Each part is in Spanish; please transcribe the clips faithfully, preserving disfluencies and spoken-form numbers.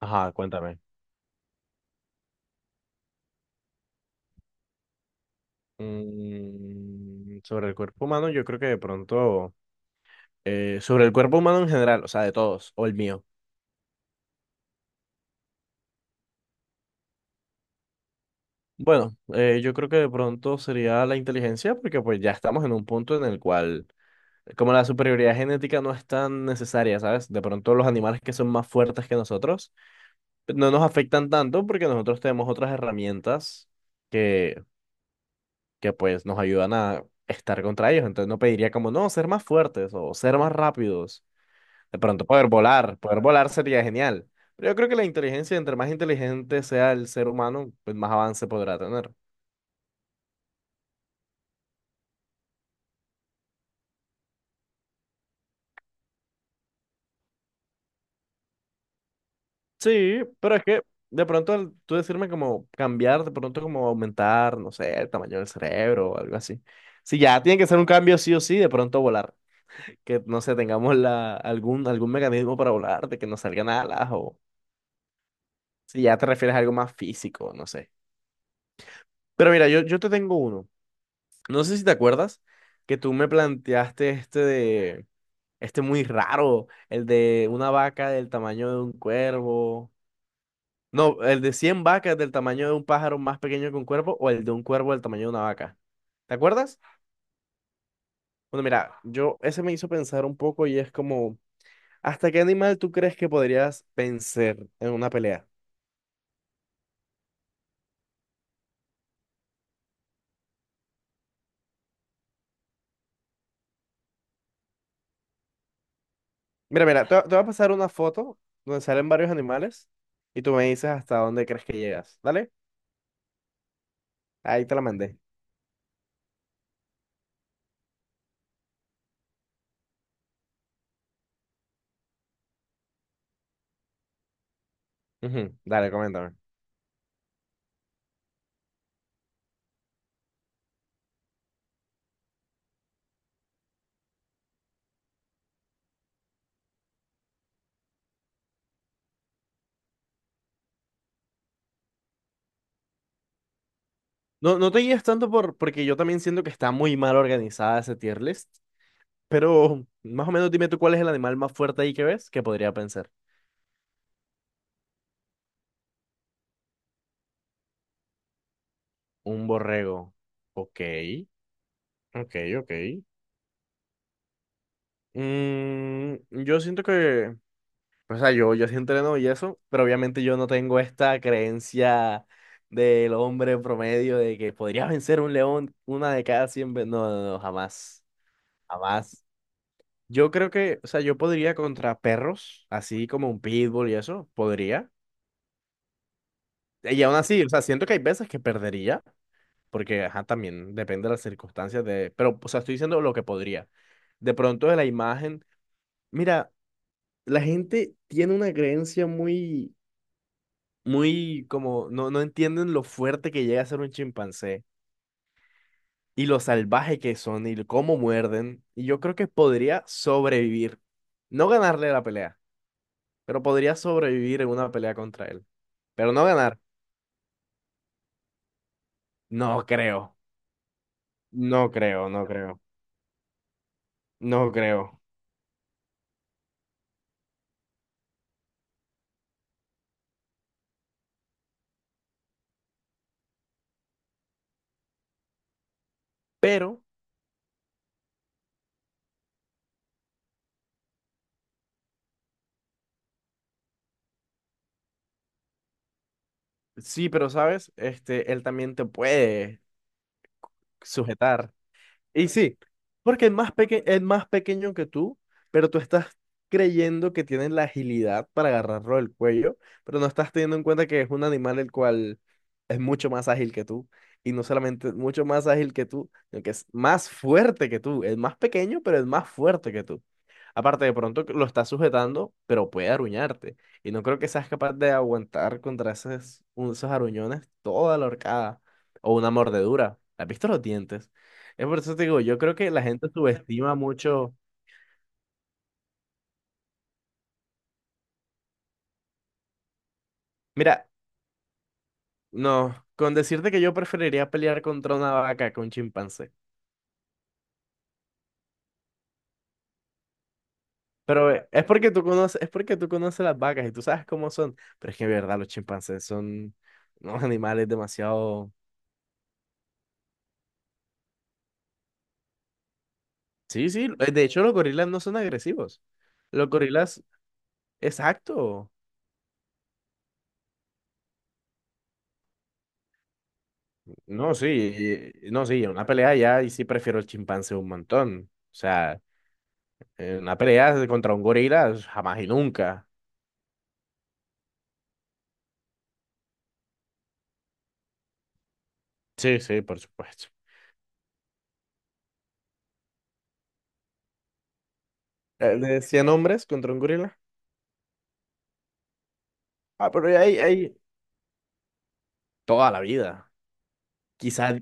Ajá, cuéntame. Mm, sobre el cuerpo humano, yo creo que de pronto, eh, sobre el cuerpo humano en general, o sea, de todos, o el mío. Bueno, eh, yo creo que de pronto sería la inteligencia, porque pues ya estamos en un punto en el cual, como la superioridad genética no es tan necesaria, ¿sabes? De pronto los animales que son más fuertes que nosotros pues, no nos afectan tanto porque nosotros tenemos otras herramientas que, que pues nos ayudan a estar contra ellos. Entonces no pediría como, no, ser más fuertes o ser más rápidos. De pronto poder volar, poder volar sería genial. Pero yo creo que la inteligencia, entre más inteligente sea el ser humano, pues más avance podrá tener. Sí, pero es que de pronto al tú decirme como cambiar, de pronto como aumentar, no sé, el tamaño del cerebro o algo así. Si ya tiene que ser un cambio sí o sí, de pronto volar. Que no sé, tengamos la, algún, algún mecanismo para volar, de que no salgan alas o si ya te refieres a algo más físico, no sé. Pero mira, yo, yo te tengo uno. No sé si te acuerdas que tú me planteaste este de. Este muy raro, el de una vaca del tamaño de un cuervo. No, el de cien vacas del tamaño de un pájaro más pequeño que un cuervo o el de un cuervo del tamaño de una vaca. ¿Te acuerdas? Bueno, mira, yo ese me hizo pensar un poco y es como, ¿hasta qué animal tú crees que podrías vencer en una pelea? Mira, mira, te, te voy a pasar una foto donde salen varios animales y tú me dices hasta dónde crees que llegas. ¿Dale? Ahí te la mandé. Ujú, dale, coméntame. No, no te guías tanto por, porque yo también siento que está muy mal organizada ese tier list, pero más o menos dime tú cuál es el animal más fuerte ahí que ves que podría pensar. Un borrego. Ok, ok, ok. Mm, yo siento que, o sea, yo, yo sí entreno y eso, pero obviamente yo no tengo esta creencia del hombre promedio de que podría vencer un león una de cada cien veces. No, no, no, jamás, jamás. Yo creo que, o sea, yo podría contra perros, así como un pitbull y eso, podría. Y aún así, o sea, siento que hay veces que perdería, porque, ajá, también depende de las circunstancias de... Pero, o sea, estoy diciendo lo que podría. De pronto de la imagen, mira, la gente tiene una creencia muy, muy como, no, no entienden lo fuerte que llega a ser un chimpancé y lo salvaje que son y cómo muerden. Y yo creo que podría sobrevivir, no ganarle la pelea, pero podría sobrevivir en una pelea contra él. Pero no ganar, no creo, no creo, no creo, no creo. Pero, sí, pero sabes, este, él también te puede sujetar. Y sí, porque es más peque- es más pequeño que tú, pero tú estás creyendo que tiene la agilidad para agarrarlo del cuello, pero no estás teniendo en cuenta que es un animal el cual es mucho más ágil que tú. Y no solamente es mucho más ágil que tú, sino que es más fuerte que tú. Es más pequeño, pero es más fuerte que tú. Aparte, de pronto que lo estás sujetando, pero puede aruñarte. Y no creo que seas capaz de aguantar contra esos, esos aruñones toda la horcada o una mordedura. ¿Has visto los dientes? Es por eso te digo, yo creo que la gente subestima mucho. Mira, no, con decirte que yo preferiría pelear contra una vaca que un chimpancé. Pero eh, es porque tú conoces, es porque tú conoces las vacas y tú sabes cómo son. Pero es que en verdad los chimpancés son unos animales demasiado. Sí, sí. eh, De hecho, los gorilas no son agresivos. Los gorilas, exacto. No, sí, y- y- no, sí, en una pelea ya, y sí prefiero el chimpancé un montón. O sea, en una pelea contra un gorila, jamás y nunca. Sí, sí, por supuesto. Eh, De cien hombres contra un gorila. Ah, pero ahí, ahí, toda la vida. Quizá,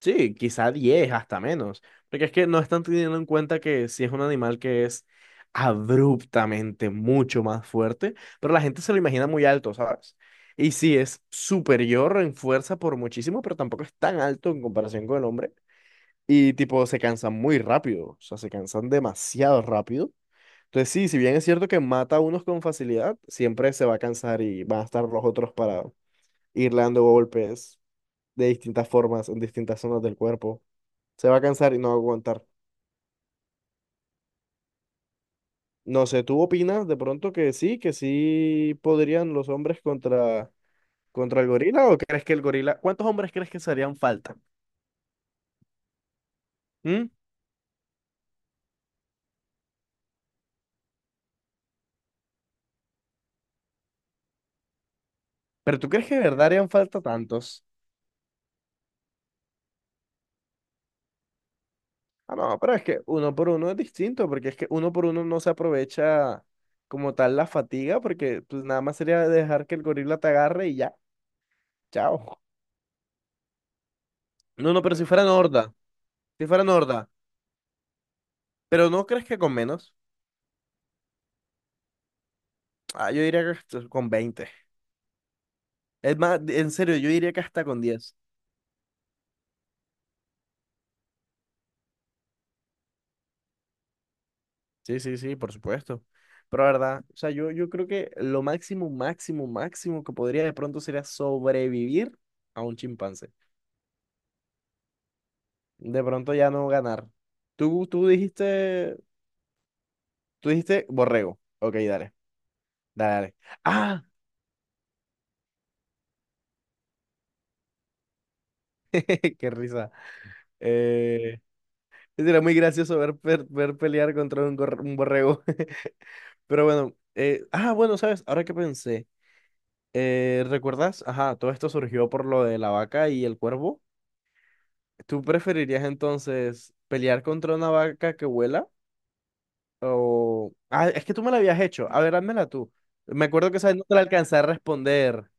sí, quizá diez hasta menos. Porque es que no están teniendo en cuenta que si es un animal que es abruptamente mucho más fuerte, pero la gente se lo imagina muy alto, ¿sabes? Y sí, es superior en fuerza por muchísimo, pero tampoco es tan alto en comparación con el hombre. Y tipo, se cansan muy rápido, o sea, se cansan demasiado rápido. Entonces sí, si bien es cierto que mata a unos con facilidad, siempre se va a cansar y van a estar los otros para irle dando golpes de distintas formas en distintas zonas del cuerpo. Se va a cansar y no va a aguantar. No sé, ¿tú opinas de pronto que sí, que sí podrían los hombres contra, contra el gorila o crees que el gorila... ¿Cuántos hombres crees que se harían falta? ¿Mm? ¿Pero tú crees que de verdad harían falta tantos? Ah, no, pero es que uno por uno es distinto, porque es que uno por uno no se aprovecha como tal la fatiga, porque pues nada más sería dejar que el gorila te agarre y ya, chao. No, no, pero si fuera Norda, si fuera Norda, pero ¿no crees que con menos? Ah, yo diría que hasta con veinte. Es más, en serio, yo diría que hasta con diez. Sí, sí, sí, por supuesto. Pero la verdad, o sea, yo, yo creo que lo máximo, máximo, máximo que podría de pronto sería sobrevivir a un chimpancé. De pronto ya no ganar. Tú, tú dijiste Tú dijiste borrego. Ok, dale. Dale, dale. ¡Ah! ¡Qué risa! Eh, era muy gracioso ver, per- ver pelear contra un, gorr- un borrego. Pero bueno. eh, ah, bueno, ¿sabes? Ahora que pensé. eh, ¿recuerdas? Ajá, todo esto surgió por lo de la vaca y el cuervo. ¿Tú preferirías entonces pelear contra una vaca que vuela? O... Ah, es que tú me la habías hecho. A ver, házmela tú. Me acuerdo que esa vez no te la alcancé a responder.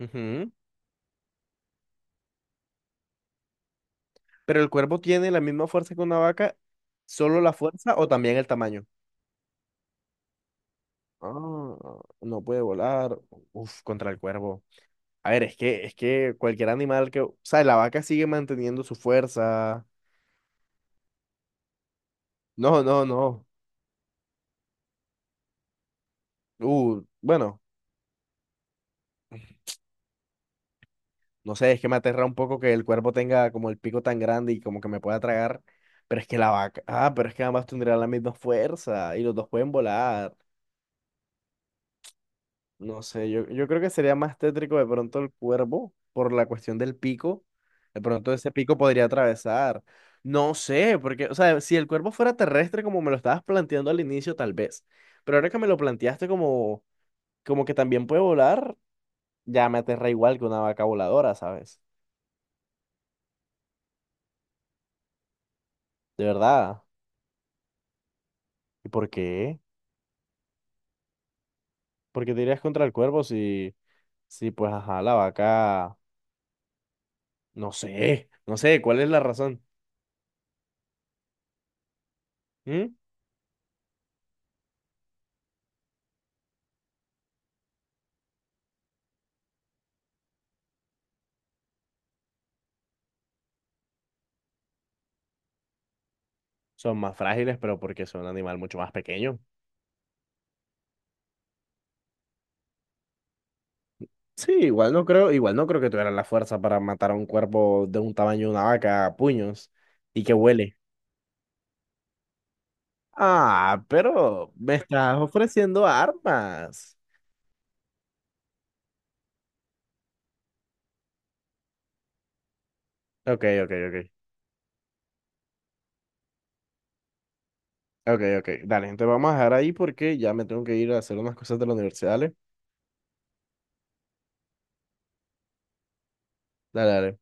Ujú. Pero el cuervo tiene la misma fuerza que una vaca, solo la fuerza o también el tamaño. Ah, no puede volar. Uf, contra el cuervo. A ver, es que, es que cualquier animal que. O sea, la vaca sigue manteniendo su fuerza. No, no, no. Uh, bueno, no sé, es que me aterra un poco que el cuervo tenga como el pico tan grande y como que me pueda tragar. Pero es que la vaca. Ah, pero es que ambas tendrían la misma fuerza y los dos pueden volar. No sé, yo, yo creo que sería más tétrico de pronto el cuervo por la cuestión del pico. De pronto ese pico podría atravesar. No sé, porque, o sea, si el cuervo fuera terrestre como me lo estabas planteando al inicio, tal vez. Pero ahora que me lo planteaste como, como que también puede volar, ya me aterra igual que una vaca voladora, ¿sabes? De verdad. ¿Y por qué? ¿Por qué te irías contra el cuervo si, si pues, ajá, la vaca, no sé, no sé, ¿cuál es la razón? ¿Mm? Son más frágiles, pero porque son un animal mucho más pequeño. Sí, igual no creo, igual no creo que tuvieran la fuerza para matar a un cuerpo de un tamaño de una vaca a puños y que huele. Ah, pero me estás ofreciendo armas. Ok, ok, ok. Ok, ok. Dale, entonces vamos a dejar ahí porque ya me tengo que ir a hacer unas cosas de la universidad. Dale, dale. Dale.